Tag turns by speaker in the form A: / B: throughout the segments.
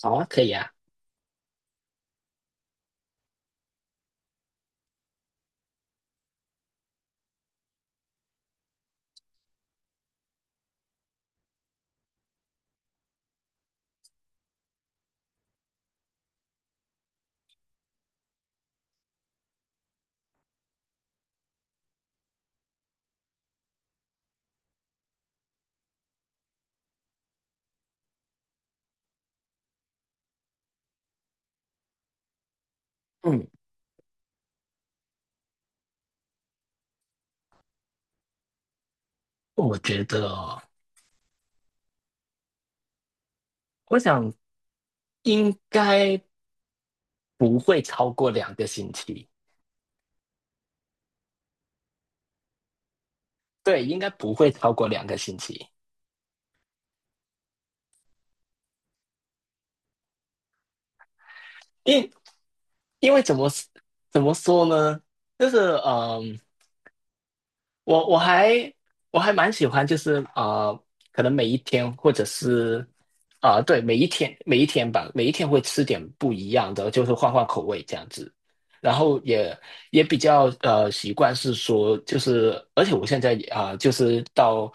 A: 好啊，可以啊。嗯，我觉得哦，我想应该不会超过两个星期。对，应该不会超过两个星期。因因为怎么说呢？就是，嗯，我我还我还蛮喜欢，就是啊，可能每一天，或者是啊，对，每一天吧，每一天会吃点不一样的，就是换换口味这样子。然后也比较习惯是说，就是而且我现在啊、就是到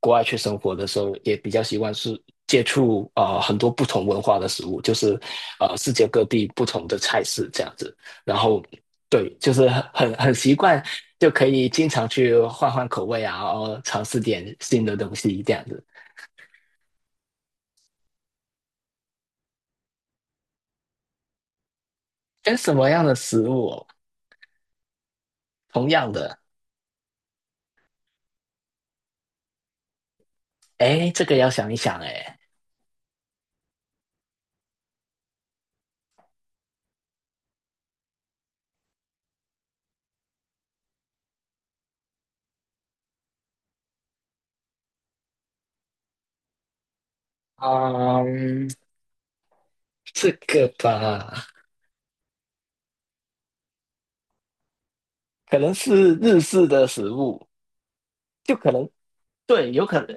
A: 国外去生活的时候，也比较习惯是接触啊很多不同文化的食物，就是世界各地不同的菜式这样子。然后对，就是很习惯。就可以经常去换换口味啊，然后尝试点新的东西这样子。跟什么样的食物哦？同样的，哎，这个要想一想，哎，嗯，这个吧，可能是日式的食物，就可能，对，有可能，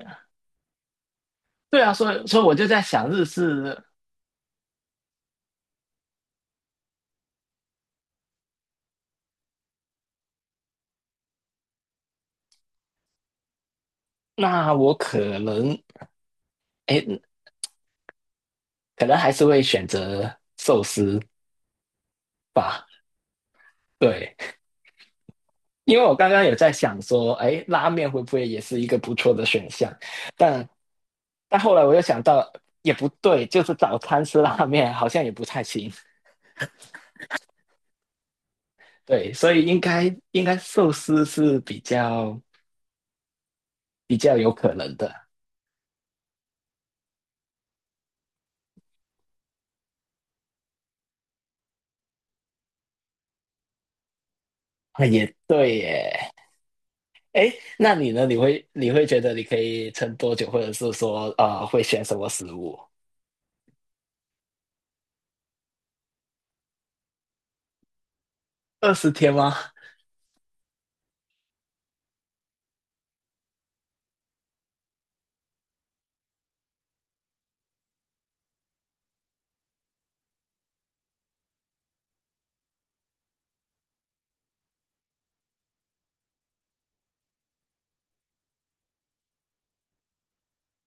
A: 对啊，所以我就在想日式，那我可能，哎，可能还是会选择寿司吧，对。因为我刚刚有在想说，哎，拉面会不会也是一个不错的选项？但但后来我又想到，也不对，就是早餐吃拉面好像也不太行。对，所以应该寿司是比较有可能的。啊，也对耶。哎，那你呢？你会觉得你可以撑多久，或者是说会选什么食物？二十天吗？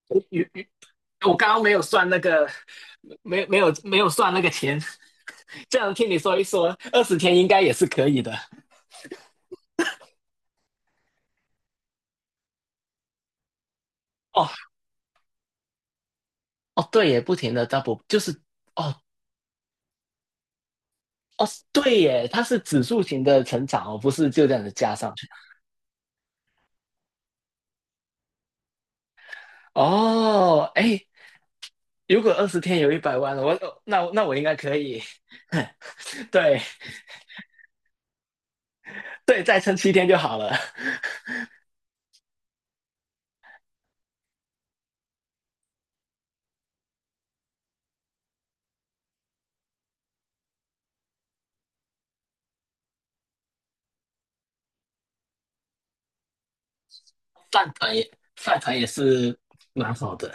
A: 我我我刚刚没有算那个，没有算那个钱，这样听你说一说，二十天应该也是可以的。哦，哦，对耶，不停的 double 就是。哦，哦，对耶，它是指数型的成长哦，不是就这样子加上去。哦，哎，如果二十天有一百万了，我那我应该可以。对，对，再撑7天就好了。饭团也是蛮好的，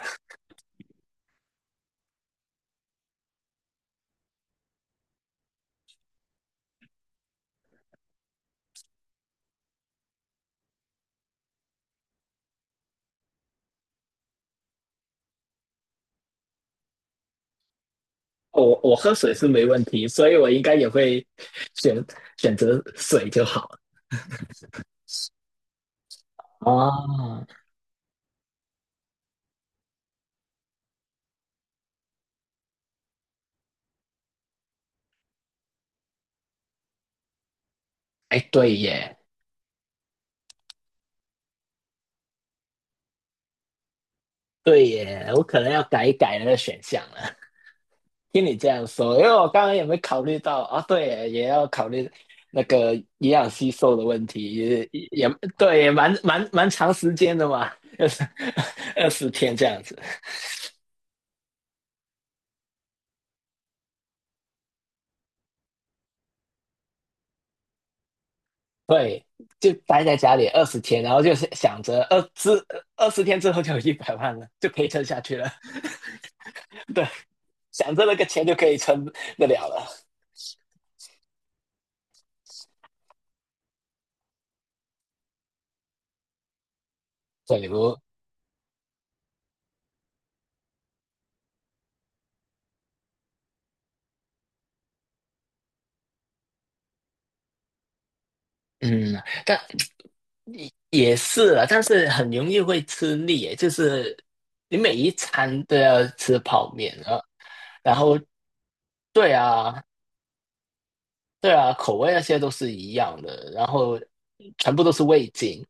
A: 我喝水是没问题，所以我应该也会选选择水就好了。哦，哎，对耶，对耶，我可能要改一改那个选项了。听你这样说，因为我刚刚也没考虑到啊，对耶也要考虑那个营养吸收的问题，也对，也蛮长时间的嘛，二十二十天这样子。对，就待在家里二十天，然后就是想着二十天之后就有一百万了，就可以撑下去了。对，想着那个钱就可以撑得了了。对，但也是啊，但是很容易会吃腻耶，就是你每一餐都要吃泡面啊，然后对啊，对啊，口味那些都是一样的，然后全部都是味精，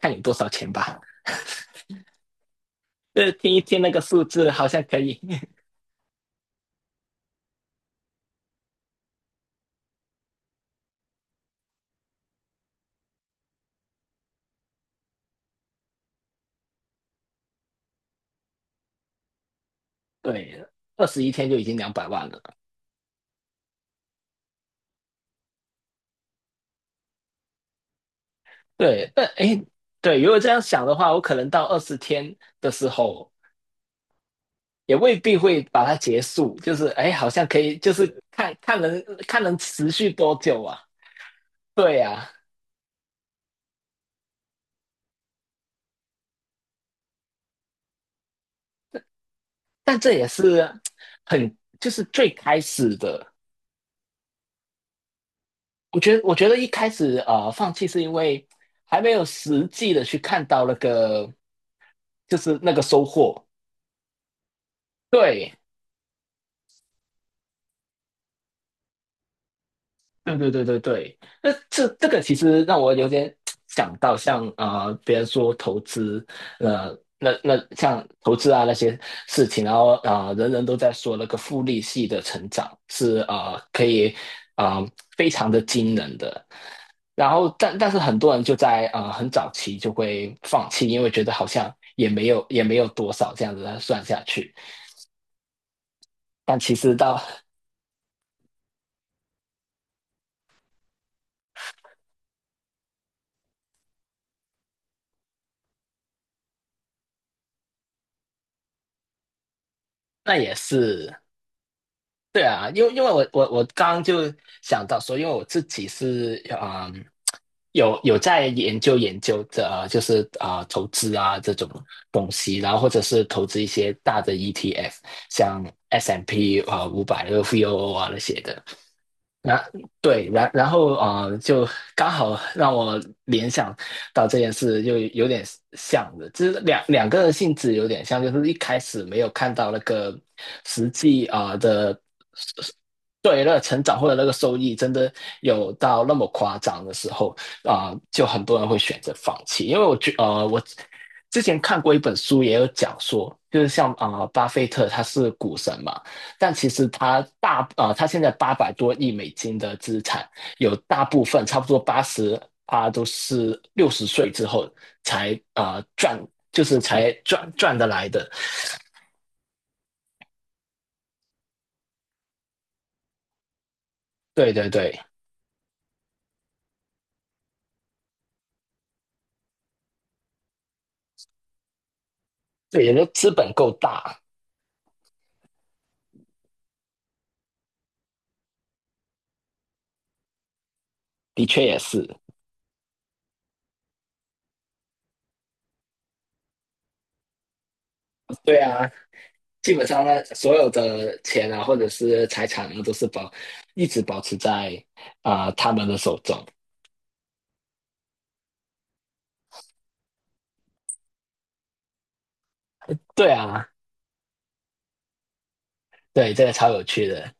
A: 看你多少钱吧。听一听那个数字好像可以，对，21天就已经200万了。对，但诶，对，如果这样想的话，我可能到二十天的时候。也未必会把它结束，就是哎，好像可以，就是看看能看能持续多久啊。对呀、但这也是很就是最开始的。我觉得，一开始放弃是因为还没有实际的去看到那个就是那个收获。对，对对对对对，那这个其实让我有点想到像，别人说投资，那像投资啊那些事情，然后啊、人人都在说那个复利系的成长是可以啊、非常的惊人的，然后但是很多人就在很早期就会放弃，因为觉得好像也没有多少这样子算下去，但其实到那也是。对啊，因为我刚刚就想到说，因为我自己是啊、有在研究研究这、就是啊、投资啊这种东西，然后或者是投资一些大的 ETF,像 S&P 500、那、VOO 啊那些的。那对，然后啊、就刚好让我联想到这件事，就有点像的，就是两个性质有点像，就是一开始没有看到那个实际啊、的对那个成长或者那个收益真的有到那么夸张的时候啊、就很多人会选择放弃。因为我之前看过一本书，也有讲说，就是像啊、巴菲特他是股神嘛，但其实他大啊、他现在800多亿美金的资产，有大部分差不多八十啊都是60岁之后才啊、赚，就是才赚得来的。对对对，对，也就资本够大，的确也是。对啊，基本上呢，所有的钱啊，或者是财产啊，都是保一直保持在啊、他们的手中。对啊，对，这个超有趣的。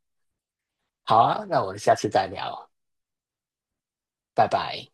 A: 好啊，那我们下次再聊，拜拜。